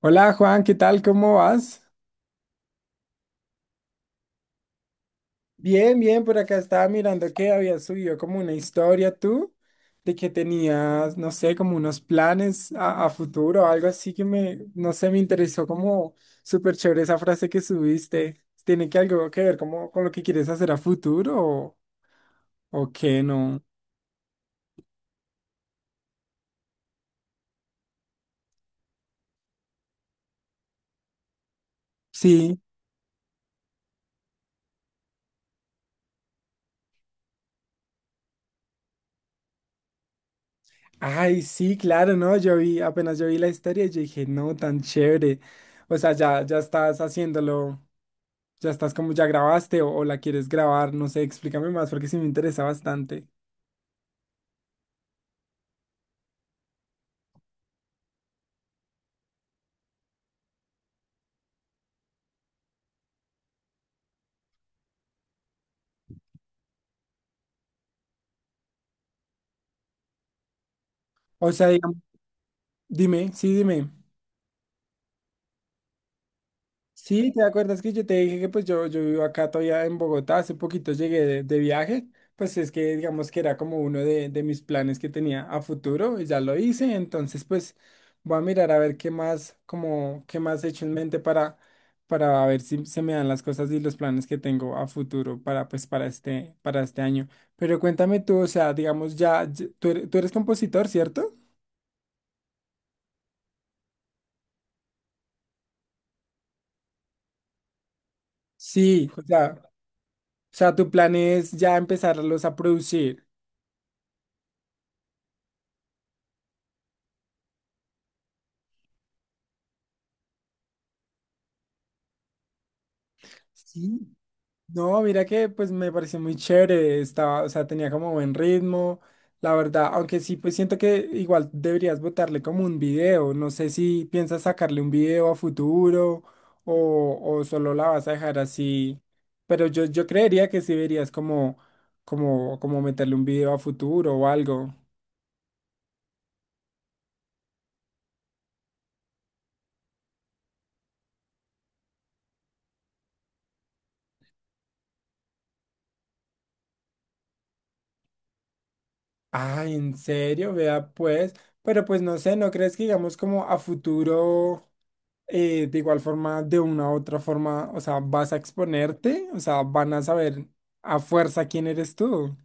Hola Juan, ¿qué tal? ¿Cómo vas? Bien, bien, por acá estaba mirando que habías subido como una historia tú, de que tenías, no sé, como unos planes a futuro o algo así que me, no sé, me interesó como súper chévere esa frase que subiste. ¿Tiene que algo que ver como con lo que quieres hacer a futuro o qué no? Sí. Ay, sí, claro, no, yo vi, apenas yo vi la historia, yo dije, no, tan chévere. O sea, ya estás haciéndolo. Ya estás como, ya grabaste o la quieres grabar, no sé, explícame más porque sí me interesa bastante. O sea, digamos, dime. Sí, ¿te acuerdas que yo te dije que pues yo vivo acá todavía en Bogotá? Hace poquito llegué de viaje, pues es que digamos que era como uno de mis planes que tenía a futuro y ya lo hice, entonces pues voy a mirar a ver qué más, como qué más he hecho en mente para ver si se me dan las cosas y los planes que tengo a futuro para pues para este año. Pero cuéntame tú, o sea, digamos ya, tú eres compositor, ¿cierto? Sí, o sea, tu plan es ya empezarlos a producir. Sí. No, mira que pues me pareció muy chévere, estaba, o sea, tenía como buen ritmo, la verdad, aunque sí, pues siento que igual deberías botarle como un video, no sé si piensas sacarle un video a futuro o solo la vas a dejar así, pero yo creería que sí deberías como, como meterle un video a futuro o algo. Ah, ¿en serio? Vea pues, pero pues no sé, ¿no crees que digamos como a futuro? De igual forma, de una u otra forma, o sea, vas a exponerte, o sea, van a saber a fuerza quién eres tú.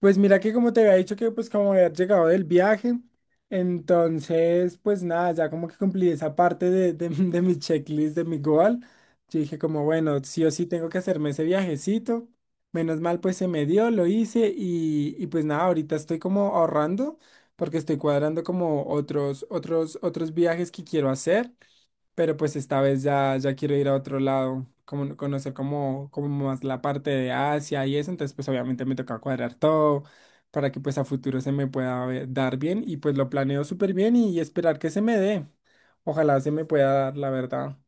Pues mira que como te había dicho que pues como había llegado del viaje, entonces pues nada, ya como que cumplí esa parte de, de mi checklist, de mi goal. Yo dije como, bueno, sí o sí tengo que hacerme ese viajecito. Menos mal pues se me dio, lo hice y pues nada, ahorita estoy como ahorrando porque estoy cuadrando como otros viajes que quiero hacer. Pero pues esta vez ya, ya quiero ir a otro lado, como, conocer como, como más la parte de Asia y eso, entonces pues obviamente me toca cuadrar todo para que pues a futuro se me pueda dar bien y pues lo planeo súper bien y esperar que se me dé. Ojalá se me pueda dar, la verdad.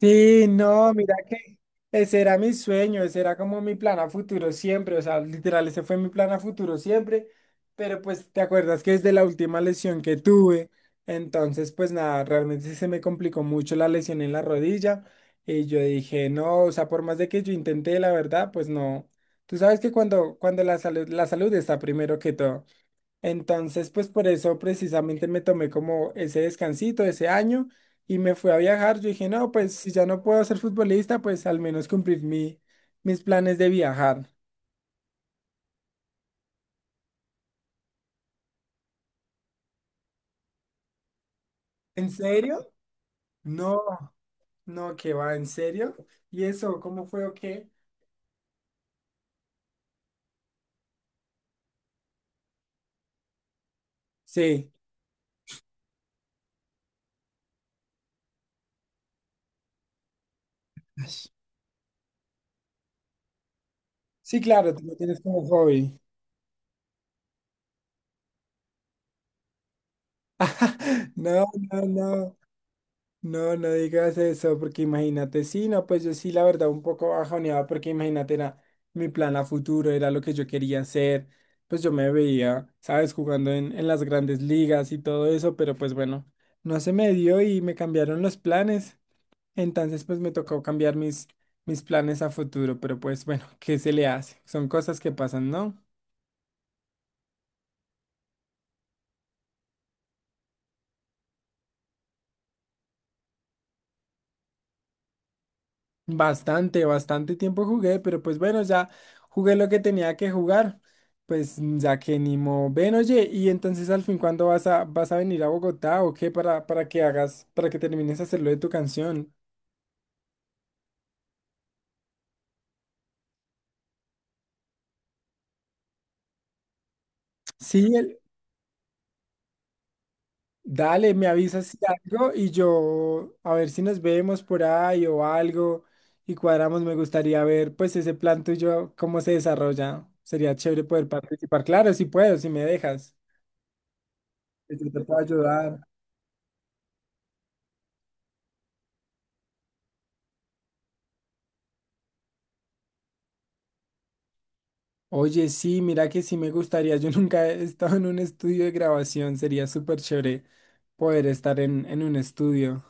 Sí, no, mira que ese era mi sueño, ese era como mi plan a futuro siempre, o sea, literal, ese fue mi plan a futuro siempre, pero pues te acuerdas que desde la última lesión que tuve, entonces pues nada, realmente se me complicó mucho la lesión en la rodilla y yo dije, no, o sea, por más de que yo intenté, la verdad, pues no, tú sabes que cuando, cuando la salud está primero que todo. Entonces, pues por eso precisamente me tomé como ese descansito, ese año, y me fui a viajar. Yo dije, no, pues si ya no puedo ser futbolista, pues al menos cumplir mi, mis planes de viajar. ¿En serio? No, no, que va, ¿en serio? ¿Y eso, cómo fue o qué? Sí, sí, claro, tú lo tienes como hobby. No, no, no. No, no digas eso, porque imagínate, sí, no, pues yo sí, la verdad, un poco bajoneaba, porque imagínate, era mi plan a futuro, era lo que yo quería hacer, pues yo me veía, sabes, jugando en las grandes ligas y todo eso, pero pues bueno, no se me dio y me cambiaron los planes, entonces pues me tocó cambiar mis, mis planes a futuro, pero pues bueno, ¿qué se le hace? Son cosas que pasan, ¿no? Bastante, bastante tiempo jugué, pero pues bueno, ya jugué lo que tenía que jugar. Pues ya que ni modo. Ven, oye, y entonces al fin, ¿cuándo vas a, vas a venir a Bogotá o qué para que hagas, para que termines de hacerlo de tu canción? Sí, dale, me avisas si algo y yo a ver si nos vemos por ahí o algo y cuadramos. Me gustaría ver pues ese plan tuyo, cómo se desarrolla. Sería chévere poder participar. Claro, si puedo, si me dejas. Yo te puedo ayudar. Oye, sí, mira que sí me gustaría. Yo nunca he estado en un estudio de grabación. Sería súper chévere poder estar en un estudio.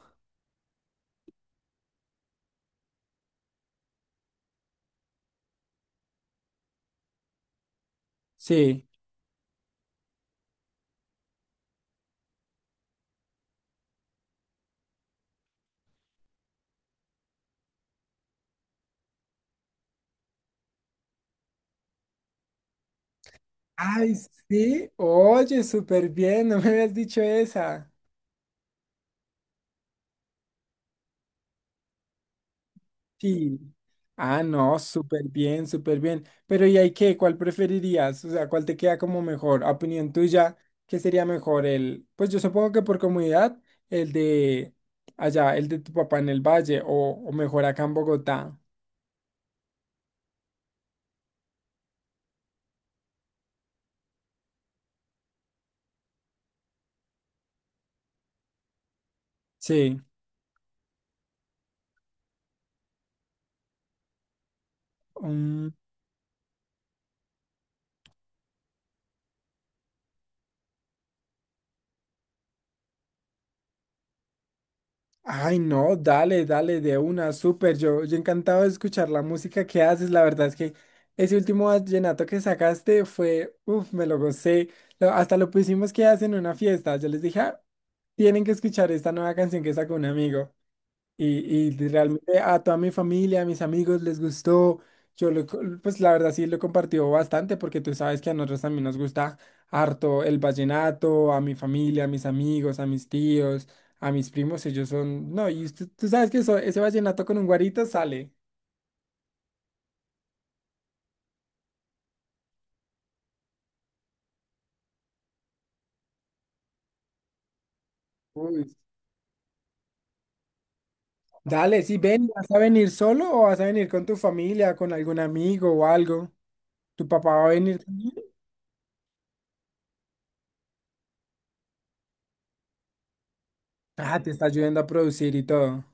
Sí. Ay, sí. Oye, súper bien. No me habías dicho esa. Sí. Ah, no, súper bien, súper bien. Pero ¿y ahí qué? ¿Cuál preferirías? O sea, ¿cuál te queda como mejor? A opinión tuya, ¿qué sería mejor? El, pues yo supongo que por comodidad, el de allá, el de tu papá en el valle o mejor acá en Bogotá. Sí. Ay, no, dale, dale, de una, súper. Yo encantado de escuchar la música que haces. La verdad es que ese último vallenato que sacaste fue, uff, me lo gocé. Hasta lo pusimos que hacen en una fiesta. Yo les dije, "Ah, tienen que escuchar esta nueva canción que sacó un amigo. Y realmente a toda mi familia, a mis amigos les gustó. Yo, pues la verdad sí lo compartió bastante porque tú sabes que a nosotros también nos gusta harto el vallenato, a mi familia, a mis amigos, a mis tíos, a mis primos, ellos son... No, y tú sabes que ese vallenato con un guarito sale. Uy. Dale, sí, ven, ¿vas a venir solo o vas a venir con tu familia, con algún amigo o algo? ¿Tu papá va a venir también? Ah, te está ayudando a producir y todo.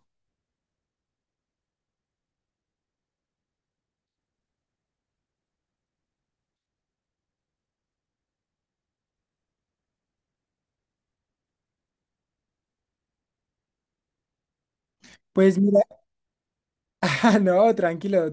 Pues mira. Ah, no, tranquilo.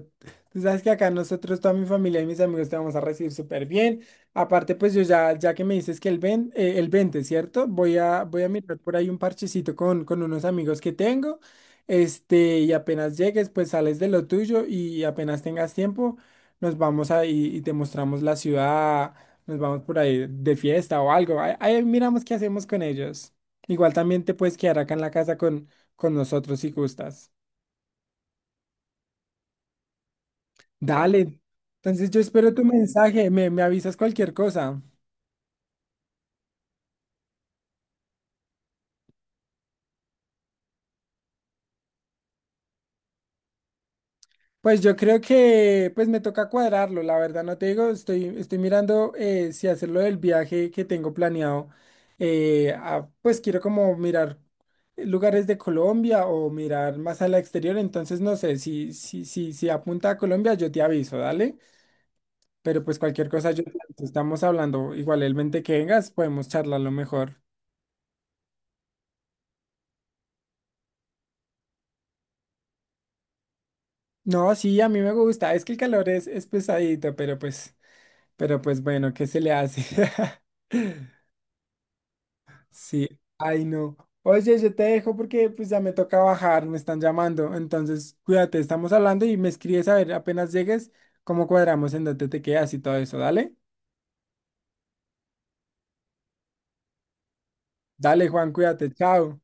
Tú sabes que acá nosotros, toda mi familia y mis amigos te vamos a recibir súper bien. Aparte, pues yo ya, ya que me dices que el, ven, el 20, ¿cierto? Voy a, voy a mirar por ahí un parchecito con unos amigos que tengo. Este, y apenas llegues, pues sales de lo tuyo y apenas tengas tiempo, nos vamos ahí y te mostramos la ciudad, nos vamos por ahí de fiesta o algo. Ahí, ahí miramos qué hacemos con ellos. Igual también te puedes quedar acá en la casa con nosotros si gustas. Dale. Entonces yo espero tu mensaje, me avisas cualquier cosa. Pues yo creo que pues me toca cuadrarlo, la verdad no te digo, estoy, estoy mirando si hacerlo del viaje que tengo planeado. Pues quiero como mirar lugares de Colombia o mirar más al exterior, entonces no sé, si, si, si, si apunta a Colombia yo te aviso, dale. Pero pues cualquier cosa yo te aviso, estamos hablando, igualmente que vengas, podemos charlarlo mejor. No, sí, a mí me gusta. Es que el calor es pesadito, pero pues bueno, ¿qué se le hace? Sí, ay no. Oye, yo te dejo porque pues ya me toca bajar, me están llamando. Entonces, cuídate, estamos hablando y me escribes a ver apenas llegues cómo cuadramos en dónde te quedas y todo eso. Dale, dale, Juan, cuídate, chao.